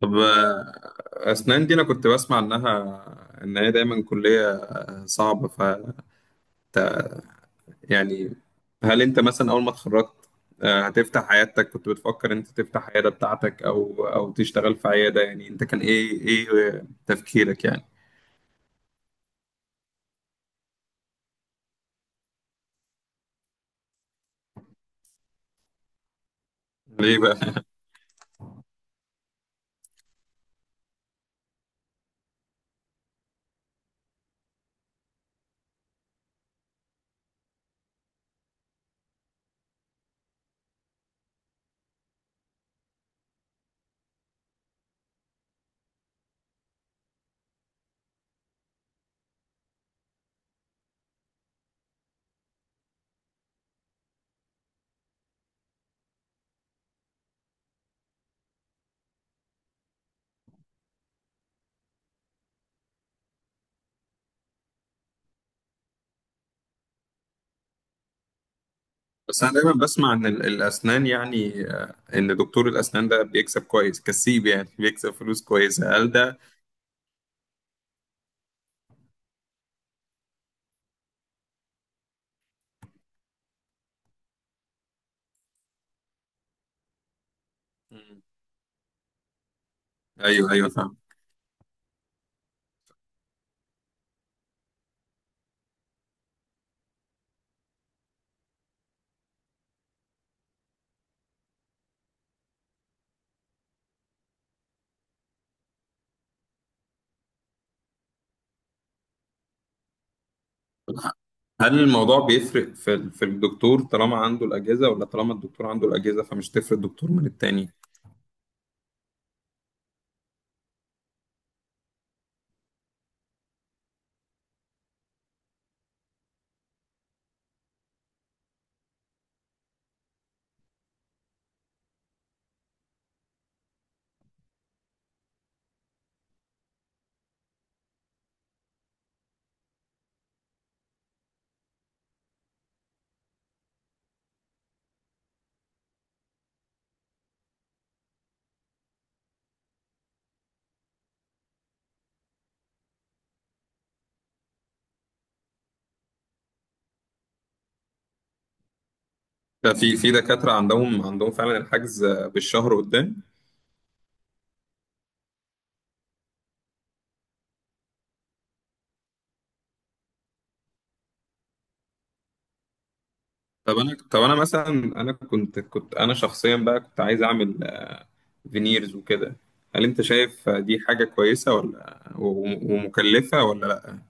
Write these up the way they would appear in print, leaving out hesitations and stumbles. طب، أسنان دي أنا كنت بسمع إنها، إن هي دايما كلية صعبة. يعني، هل أنت مثلا أول ما اتخرجت هتفتح عيادتك؟ كنت بتفكر إن أنت تفتح عيادة بتاعتك أو تشتغل في عيادة، يعني أنت كان إيه تفكيرك يعني؟ ليه بقى؟ بس أنا دايما بسمع إن الأسنان، يعني إن دكتور الأسنان ده بيكسب كويس، كسيب يعني، بيكسب فلوس كويسة. هل ده؟ مم. أيوه، أيوه، فاهم. هل الموضوع بيفرق في الدكتور طالما عنده الأجهزة، ولا طالما الدكتور عنده الأجهزة فمش تفرق الدكتور من التاني؟ ده في دكاترة عندهم فعلا الحجز بالشهر قدام. طب أنا مثلا، أنا كنت أنا شخصيا بقى كنت عايز أعمل فينيرز وكده. هل أنت شايف دي حاجة كويسة ولا ومكلفة ولا لأ؟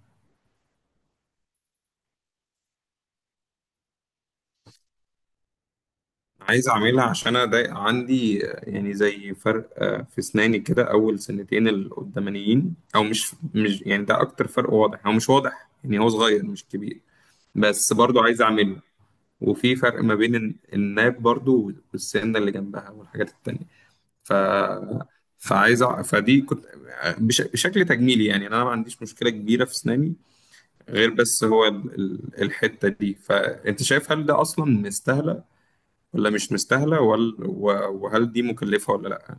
عايز اعملها عشان انا ضايق، عندي يعني زي فرق في اسناني كده، اول سنتين القدامانيين، او مش يعني ده اكتر، فرق واضح او مش واضح، يعني هو صغير مش كبير، بس برضو عايز اعمله. وفي فرق ما بين الناب برضو والسنه اللي جنبها والحاجات التانية. ف فدي كنت بشكل تجميلي، يعني انا ما عنديش مشكله كبيره في اسناني، غير بس هو الحته دي. فانت شايف هل ده اصلا مستاهله، ولا مش مستاهلة، ولا وهل دي مكلفة ولا لأ؟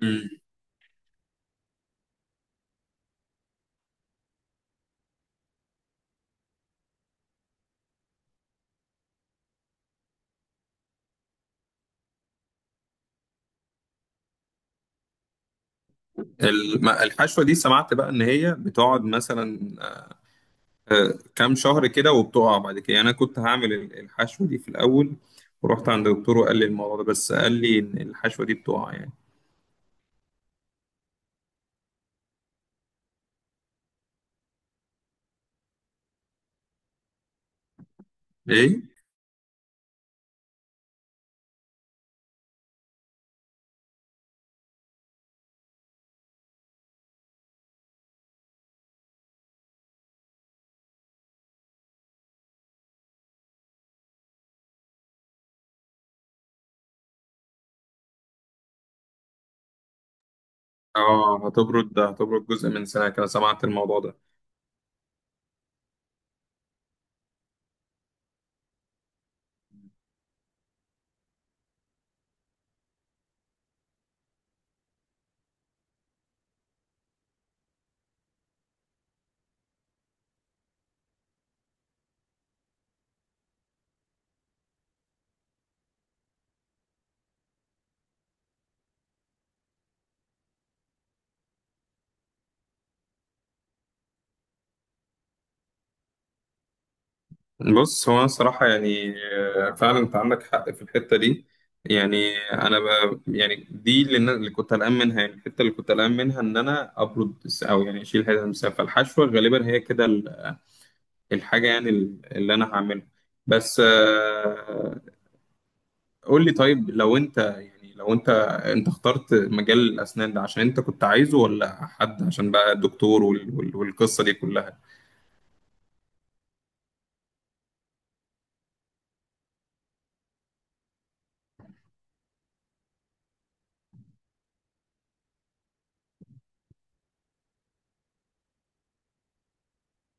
مم. الحشوة دي سمعت بقى إن هي بتقعد مثلا كام شهر كده وبتقع بعد كده، يعني أنا كنت هعمل الحشوة دي في الأول، ورحت عند دكتور وقال لي الموضوع ده، بس قال لي إن الحشوة دي بتقع يعني. ايه، هتبرد جزء من سنة كده، سمعت الموضوع ده. بص، هو أنا صراحة، يعني فعلا أنت عندك حق في الحتة دي. يعني أنا، يعني دي اللي كنت قلقان منها، يعني الحتة اللي كنت قلقان منها إن أنا أو يعني أشيل هذا المسافة. الحشوة غالبا هي كده الحاجة، يعني اللي أنا هعملها. بس قول لي طيب، لو أنت، أنت اخترت مجال الأسنان ده عشان أنت كنت عايزه، ولا حد عشان بقى دكتور والقصة دي كلها؟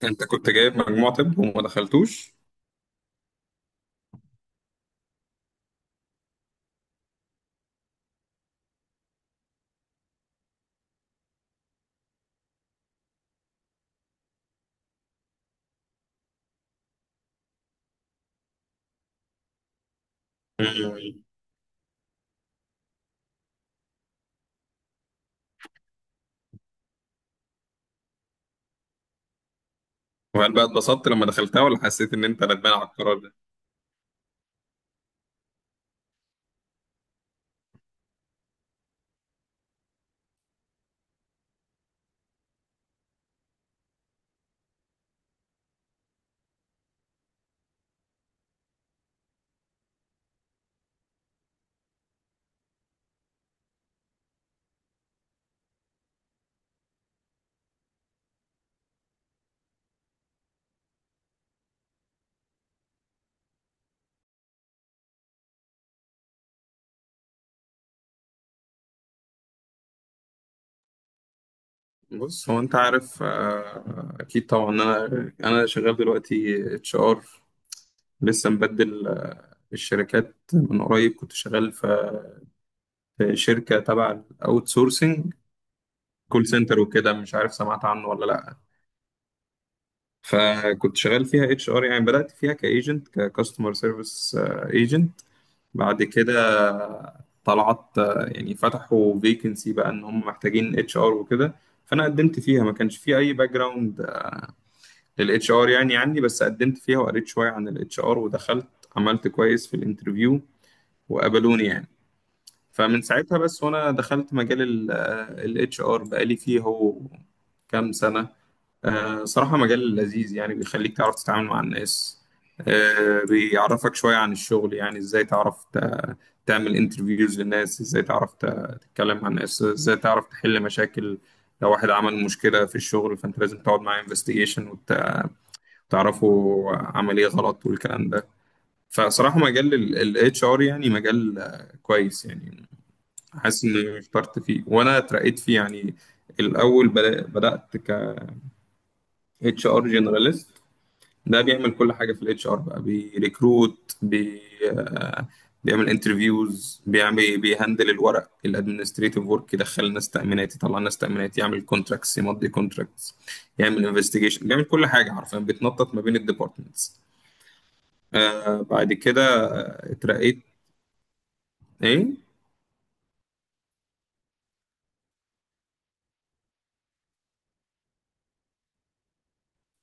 أنت كنت جايب مجموع طب وما دخلتوش؟ وهل بقى اتبسطت لما دخلتها، ولا حسيت ان انت ندمان على القرار ده؟ بص، هو انت عارف، اكيد طبعا، انا شغال دلوقتي اتش ار. لسه مبدل الشركات من قريب، كنت شغال في شركه تبع الاوت سورسنج، كول سنتر وكده. مش عارف سمعت عنه ولا لا. فكنت شغال فيها اتش ار، يعني بدات فيها كايجنت، ككاستمر سيرفيس ايجنت. بعد كده طلعت، يعني فتحوا فيكنسي بقى ان هم محتاجين اتش ار وكده، فانا قدمت فيها. ما كانش في اي باك جراوند للاتش ار يعني عندي، بس قدمت فيها وقريت شويه عن الاتش ار ودخلت، عملت كويس في الانترفيو وقبلوني يعني. فمن ساعتها بس وانا دخلت مجال الاتش ار، بقالي فيه هو كام سنه. صراحة مجال لذيذ، يعني بيخليك تعرف تتعامل مع الناس، بيعرفك شوية عن الشغل، يعني ازاي تعرف تعمل انترفيوز للناس، ازاي تعرف تتكلم مع الناس، ازاي تعرف تحل مشاكل. لو واحد عمل مشكلة في الشغل فانت لازم تقعد معاه انفستيجيشن وتعرفوا عمل ايه غلط والكلام ده. فصراحة مجال الاتش ار يعني مجال كويس يعني. حاسس اني اخترت فيه وانا اترقيت فيه يعني. الاول بدأت اتش ار جنراليست. ده بيعمل كل حاجه في الاتش ار، بقى بيريكروت، بي آه، بيعمل انترفيوز، بيهندل الورق، الادمنستريتيف ورك، يدخل الناس تامينات، يطلع الناس تامينات، يعمل كونتراكتس، يمضي كونتراكتس، يعمل انفستيجيشن. بيعمل كل حاجه حرفيا، بيتنطط ما بين الديبارتمنتس. بعد كده اترقيت. ايه،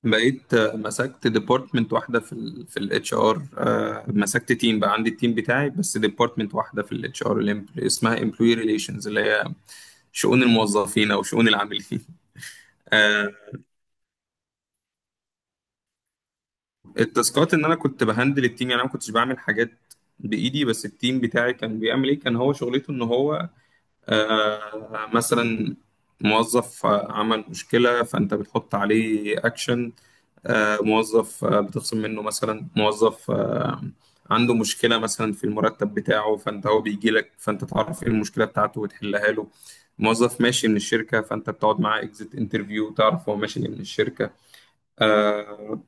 بقيت مسكت ديبارتمنت واحده في الاتش ار. مسكت تيم بقى، عندي التيم بتاعي، بس ديبارتمنت واحده في الاتش ار اسمها امبلوي ريليشنز، اللي هي شؤون الموظفين او شؤون العاملين. آه، التاسكات ان انا كنت بهندل التيم، يعني انا ما كنتش بعمل حاجات بايدي، بس التيم بتاعي كان بيعمل ايه. كان هو شغلته ان هو مثلا موظف عمل مشكله فانت بتحط عليه اكشن. موظف بتخصم منه، مثلا موظف عنده مشكلة مثلا في المرتب بتاعه، فانت هو بيجي لك فانت تعرف ايه المشكلة بتاعته وتحلها له. موظف ماشي من الشركة فانت بتقعد معاه اكزيت انترفيو، تعرف هو ماشي ليه من الشركة. آه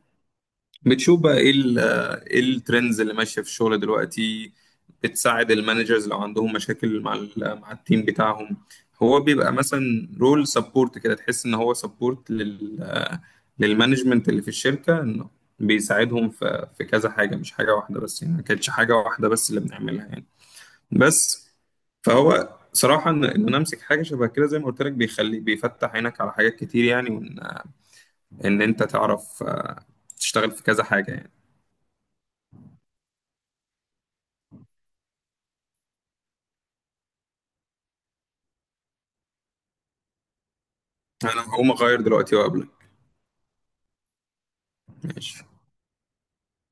بتشوف بقى ايه ايه الترندز اللي ماشيه في الشغل دلوقتي. بتساعد المانجرز لو عندهم مشاكل مع مع التيم بتاعهم. هو بيبقى مثلا رول سبورت كده، تحس ان هو سبورت لل آه، للمانجمنت اللي في الشركه، انه بيساعدهم في كذا حاجه، مش حاجه واحده بس يعني. ما كانتش حاجه واحده بس اللي بنعملها يعني. بس فهو صراحه إن انا امسك حاجه شبه كده زي ما قلت لك، بيفتح عينك على حاجات كتير، يعني ان انت تعرف تشتغل في كذا حاجة يعني. انا هقوم اغير دلوقتي وقبلك. ماشي